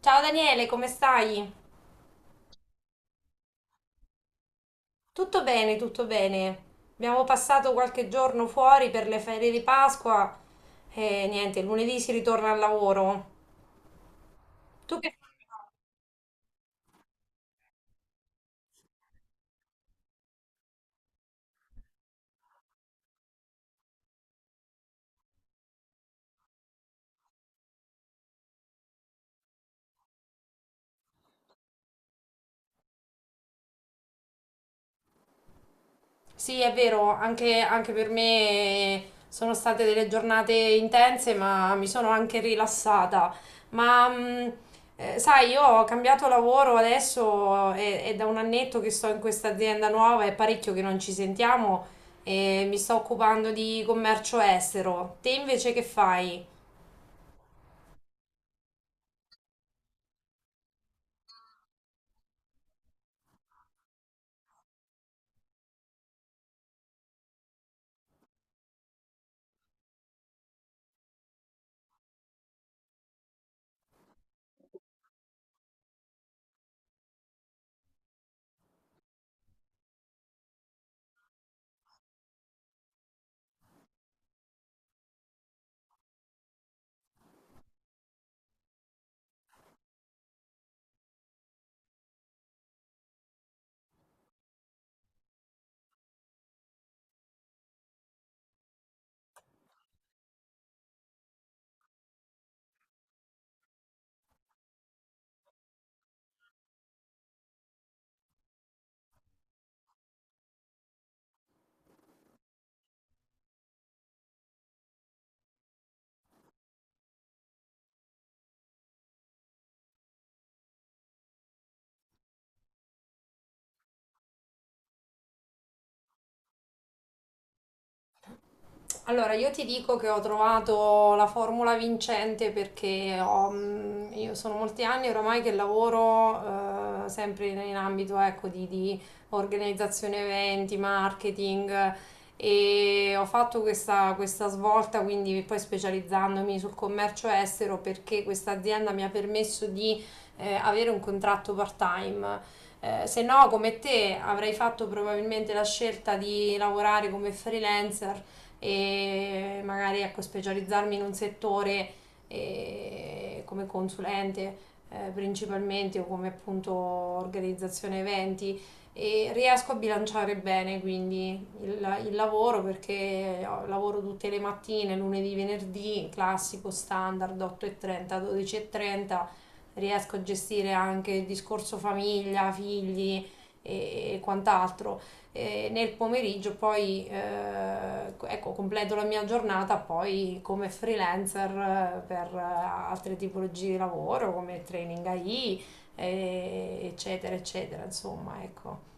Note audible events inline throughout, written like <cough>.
Ciao Daniele, come stai? Tutto bene, tutto bene. Abbiamo passato qualche giorno fuori per le ferie di Pasqua e niente, lunedì si ritorna al lavoro. Tu che fai? Sì, è vero, anche per me sono state delle giornate intense, ma mi sono anche rilassata. Ma sai, io ho cambiato lavoro adesso, è da un annetto che sto in questa azienda nuova, è parecchio che non ci sentiamo e mi sto occupando di commercio estero. Te invece che fai? Allora, io ti dico che ho trovato la formula vincente perché io sono molti anni oramai che lavoro sempre in ambito ecco, di organizzazione eventi, marketing e ho fatto questa svolta, quindi poi specializzandomi sul commercio estero perché questa azienda mi ha permesso di avere un contratto part-time. Se no, come te, avrei fatto probabilmente la scelta di lavorare come freelancer e magari ecco, specializzarmi in un settore come consulente principalmente o come appunto organizzazione eventi e riesco a bilanciare bene quindi il lavoro perché lavoro tutte le mattine, lunedì, venerdì, classico, standard 8.30, 12.30, riesco a gestire anche il discorso famiglia, figli e quant'altro e nel pomeriggio poi ecco, completo la mia giornata poi come freelancer per altre tipologie di lavoro come training AI eccetera eccetera insomma ecco.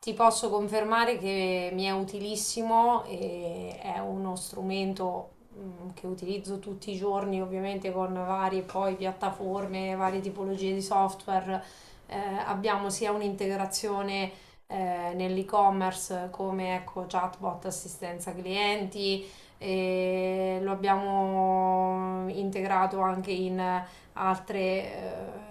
Ti posso confermare che mi è utilissimo e è uno strumento che utilizzo tutti i giorni, ovviamente con varie poi piattaforme, varie tipologie di software. Eh, Abbiamo sia un'integrazione nell'e-commerce come ecco, chatbot, assistenza clienti, e lo abbiamo integrato anche in altre,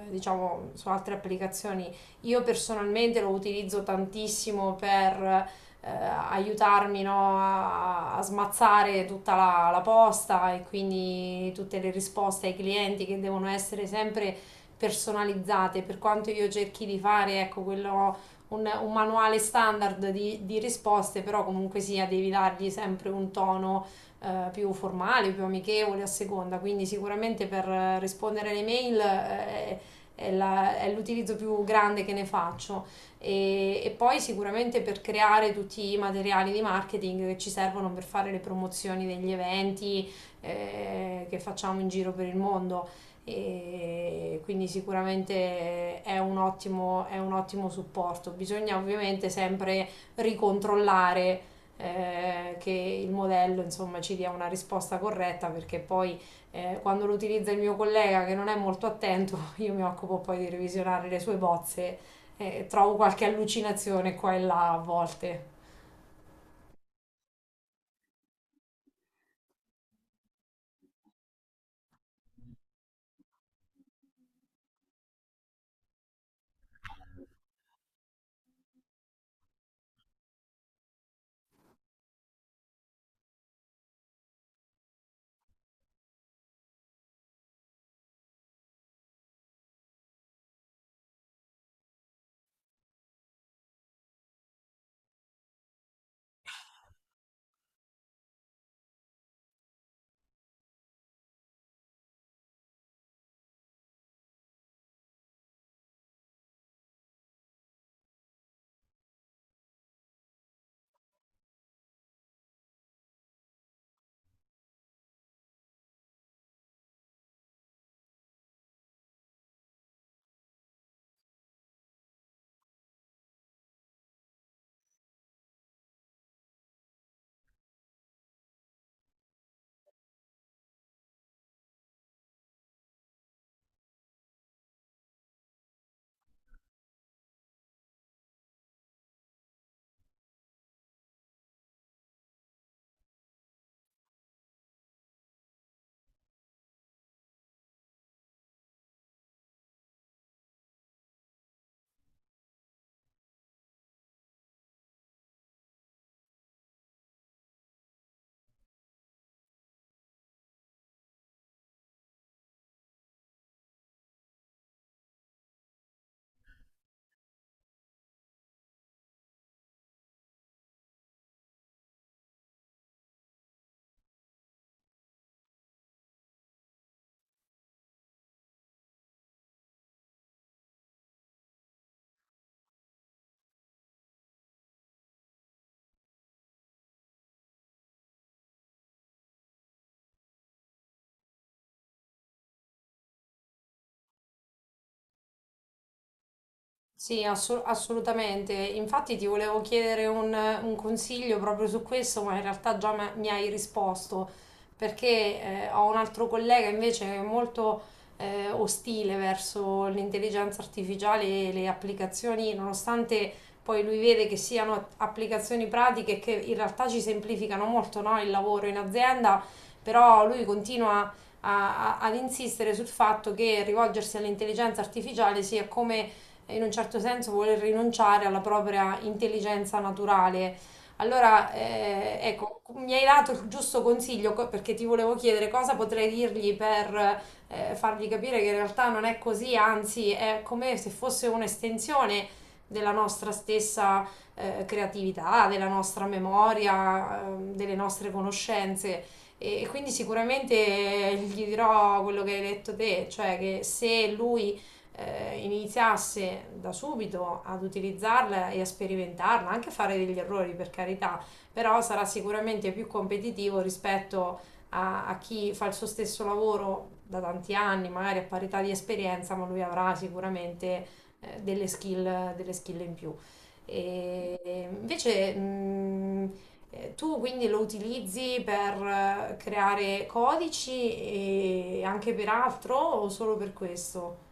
diciamo, su altre applicazioni. Io personalmente lo utilizzo tantissimo per aiutarmi, no, a smazzare tutta la posta e quindi tutte le risposte ai clienti che devono essere sempre personalizzate, per quanto io cerchi di fare, ecco, quello, un manuale standard di risposte, però comunque sia devi dargli sempre un tono più formale, più amichevole a seconda, quindi sicuramente per rispondere alle mail è l'utilizzo più grande che ne faccio. E poi sicuramente per creare tutti i materiali di marketing che ci servono per fare le promozioni degli eventi che facciamo in giro per il mondo. E quindi sicuramente è un ottimo supporto. Bisogna ovviamente sempre ricontrollare che il modello insomma ci dia una risposta corretta perché poi quando lo utilizza il mio collega che non è molto attento, <laughs> io mi occupo poi di revisionare le sue bozze e trovo qualche allucinazione qua e là a volte. Sì, assolutamente. Infatti ti volevo chiedere un consiglio proprio su questo, ma in realtà già mi hai risposto, perché ho un altro collega invece che è molto ostile verso l'intelligenza artificiale e le applicazioni, nonostante poi lui vede che siano applicazioni pratiche che in realtà ci semplificano molto, no, il lavoro in azienda, però lui continua ad insistere sul fatto che rivolgersi all'intelligenza artificiale sia come in un certo senso vuole rinunciare alla propria intelligenza naturale. Allora, ecco, mi hai dato il giusto consiglio perché ti volevo chiedere cosa potrei dirgli per fargli capire che in realtà non è così, anzi è come se fosse un'estensione della nostra stessa creatività, della nostra memoria, delle nostre conoscenze. E quindi sicuramente gli dirò quello che hai detto te, cioè che se lui iniziasse da subito ad utilizzarla e a sperimentarla, anche a fare degli errori per carità, però sarà sicuramente più competitivo rispetto a chi fa il suo stesso lavoro da tanti anni, magari a parità di esperienza, ma lui avrà sicuramente delle skill in più. E invece, tu quindi lo utilizzi per creare codici e anche per altro o solo per questo?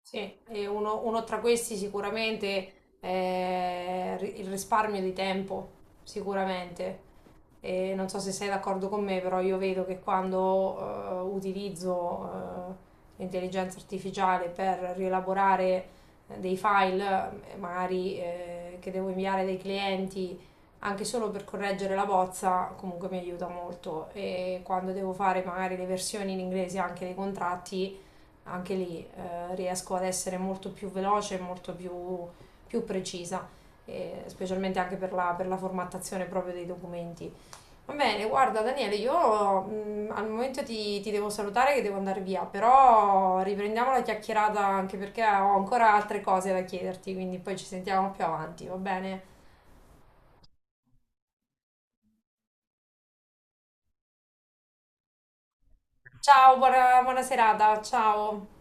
Sì, e uno tra questi sicuramente è il risparmio di tempo, sicuramente. E non so se sei d'accordo con me, però io vedo che quando utilizzo eh, l'intelligenza artificiale per rielaborare dei file, magari che devo inviare dai clienti, anche solo per correggere la bozza, comunque mi aiuta molto. E quando devo fare magari le versioni in inglese anche dei contratti, anche lì riesco ad essere molto più veloce, molto più precisa, specialmente anche per la formattazione proprio dei documenti. Va bene, guarda Daniele, io al momento ti devo salutare che devo andare via, però riprendiamo la chiacchierata anche perché ho ancora altre cose da chiederti, quindi poi ci sentiamo più avanti, va bene? Ciao, buona, buona serata, ciao!